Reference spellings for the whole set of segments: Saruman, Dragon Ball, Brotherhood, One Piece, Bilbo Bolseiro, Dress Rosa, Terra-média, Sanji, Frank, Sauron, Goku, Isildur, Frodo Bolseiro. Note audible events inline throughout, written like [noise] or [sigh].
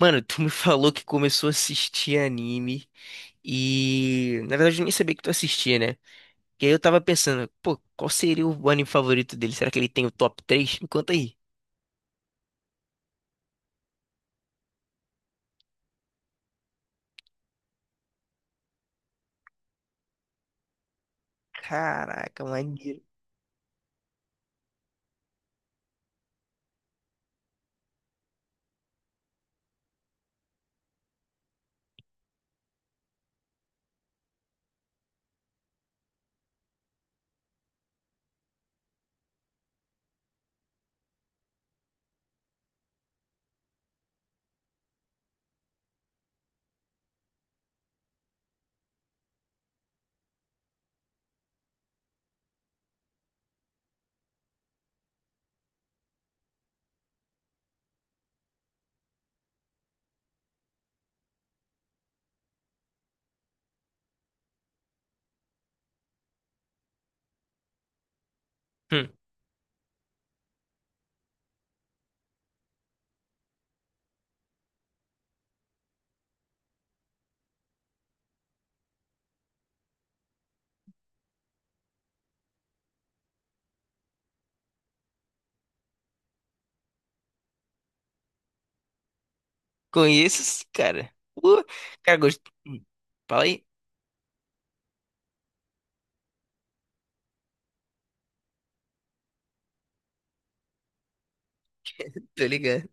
Mano, tu me falou que começou a assistir anime e, na verdade, eu nem sabia que tu assistia, né? E aí eu tava pensando, pô, qual seria o anime favorito dele? Será que ele tem o top três? Me conta aí. Caraca, maneiro. Hum, conheço esse cara. Cara, gosto. Fala aí. Tô ligado.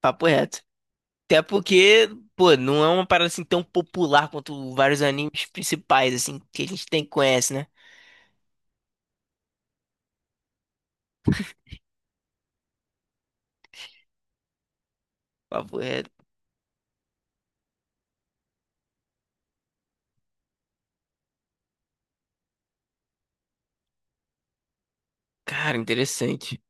Papo reto. Até porque, pô, não é uma parada assim tão popular quanto vários animes principais, assim, que a gente tem conhece, né? Papo reto. Cara, interessante.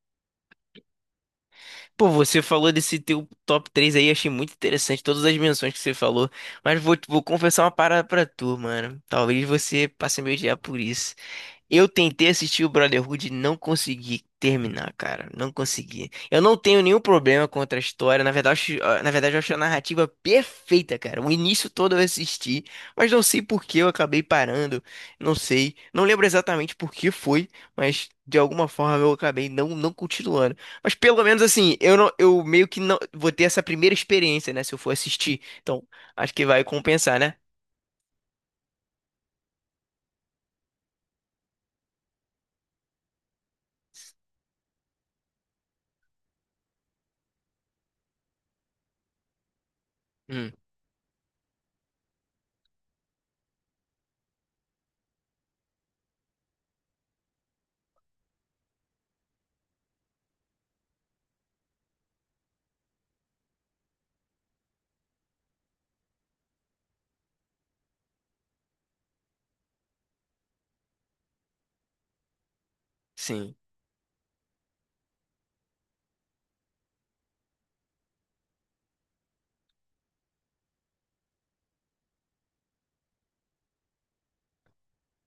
Pô, você falou desse teu top 3 aí, achei muito interessante todas as menções que você falou, mas vou confessar uma parada pra tu, mano. Talvez você passe a me odiar por isso. Eu tentei assistir o Brotherhood e não consegui terminar, cara. Não consegui. Eu não tenho nenhum problema contra a história. Na verdade, ah, na verdade, eu acho a narrativa perfeita, cara. O início todo eu assisti, mas não sei por que eu acabei parando. Não sei. Não lembro exatamente por que foi, mas de alguma forma eu acabei não continuando. Mas pelo menos assim, eu não, eu meio que não vou ter essa primeira experiência, né? Se eu for assistir. Então, acho que vai compensar, né? Hum, sim.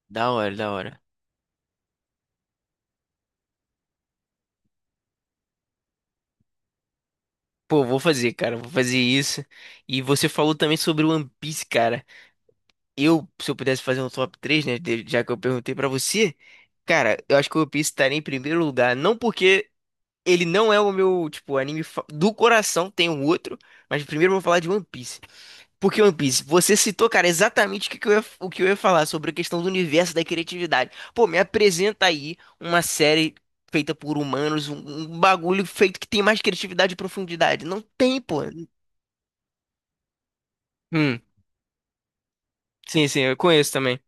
Da hora, da hora. Pô, vou fazer, cara, vou fazer isso. E você falou também sobre o One Piece, cara. Eu, se eu pudesse fazer um top 3, né, já que eu perguntei pra você, cara, eu acho que o One Piece estaria em primeiro lugar, não porque ele não é o meu, tipo, anime do coração, tem um outro, mas primeiro eu vou falar de One Piece. Porque One Piece, você citou, cara, exatamente o que que eu ia, o que eu ia falar sobre a questão do universo da criatividade. Pô, me apresenta aí uma série feita por humanos, um bagulho feito que tem mais criatividade e profundidade. Não tem, pô. Hum, sim, sim, eu conheço também.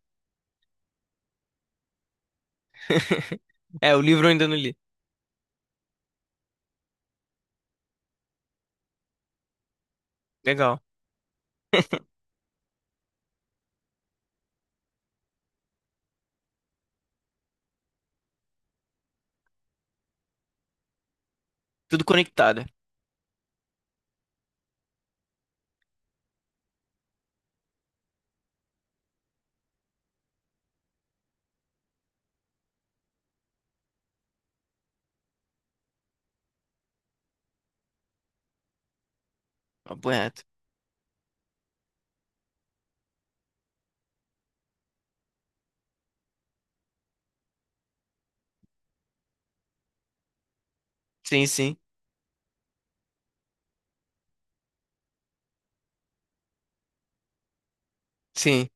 É, o livro eu ainda não li. Legal. Tudo conectado. Papo reto. Sim, sim, sim.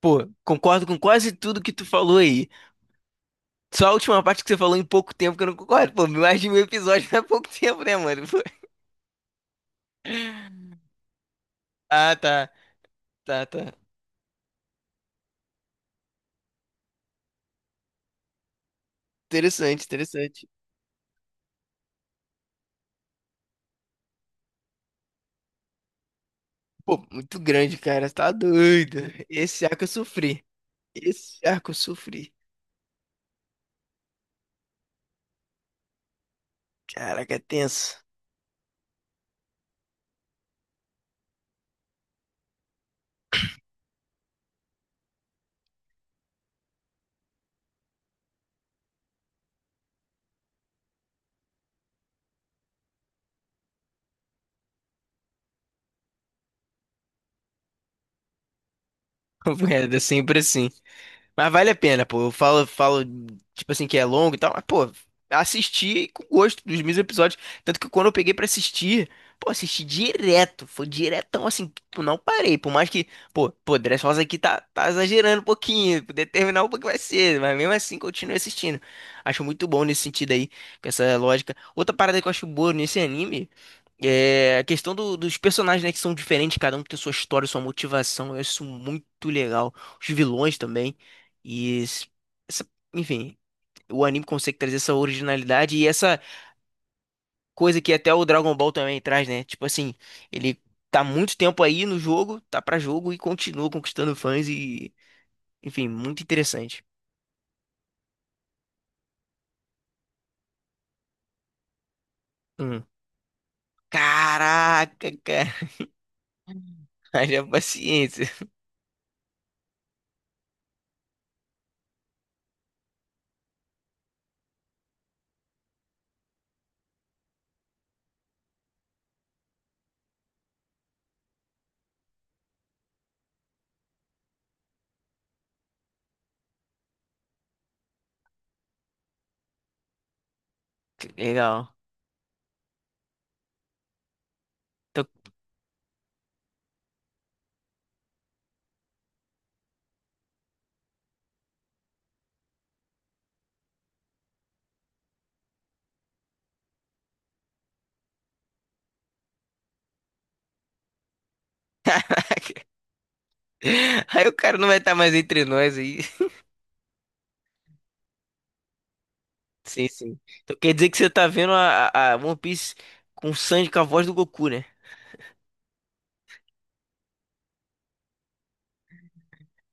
Pô, concordo com quase tudo que tu falou aí. Só a última parte que você falou em pouco tempo que eu não concordo. Pô, mais de mil episódios [laughs] não é pouco tempo, né, mano? Pô. Ah, tá, tá, tá. Interessante, interessante. Pô, muito grande, cara. Tá doido. Esse arco eu sofri. Esse arco eu sofri. Caraca, é tenso. [laughs] Papo reto, é sempre assim. Mas vale a pena, pô. Eu falo, falo, tipo assim, que é longo e tal, mas, pô, assisti com gosto dos mesmos episódios. Tanto que quando eu peguei pra assistir, pô, assisti direto. Foi diretão, assim, tipo, não parei. Por mais que, pô, Dress Rosa aqui tá, tá exagerando um pouquinho, determinar um pouco que vai ser, mas mesmo assim continuo assistindo. Acho muito bom nesse sentido aí, com essa lógica. Outra parada que eu acho boa nesse anime. É a questão dos personagens, né, que são diferentes, cada um tem sua história, sua motivação. Eu acho isso muito legal. Os vilões também. E s- essa- enfim, o anime consegue trazer essa originalidade e essa coisa que até o Dragon Ball também traz, né? Tipo assim, ele tá muito tempo aí no jogo, tá pra jogo e continua conquistando fãs e, enfim, muito interessante. Hum. Caraca, cara, [laughs] haja paciência. Legal. Então, [laughs] aí o cara não vai estar mais entre nós aí. [laughs] Sim, sim. Então quer dizer que você tá vendo a One Piece com o Sanji com a voz do Goku, né?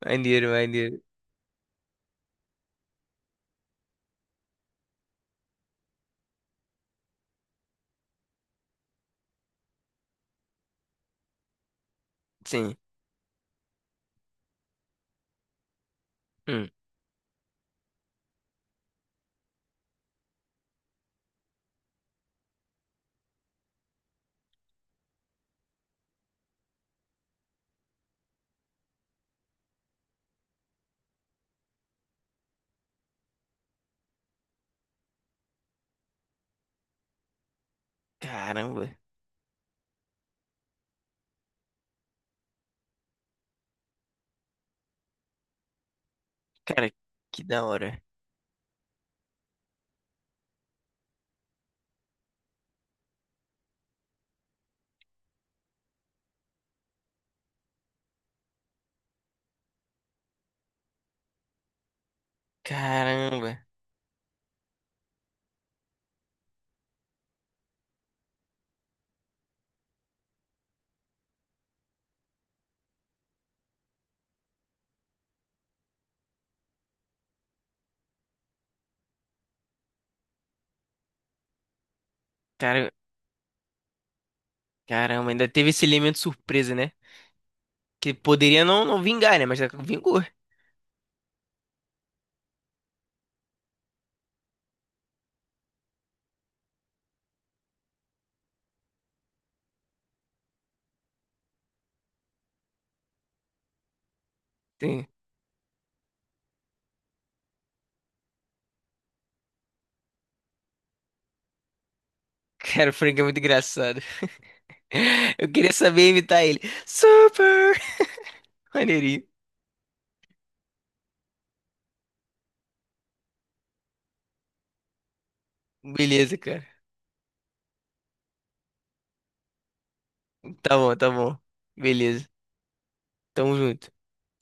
Maneiro, maneiro. Sim. Hum. Caramba. Cara, que da hora. Caramba. Cara, caramba, ainda teve esse elemento surpresa, né? Que poderia não vingar, né? Mas vingou. Tem- [laughs] Cara, o Frank é muito engraçado. [laughs] Eu queria saber imitar ele. Super! [laughs] Maneirinho. Beleza, cara. Tá bom, tá bom. Beleza. Tamo junto.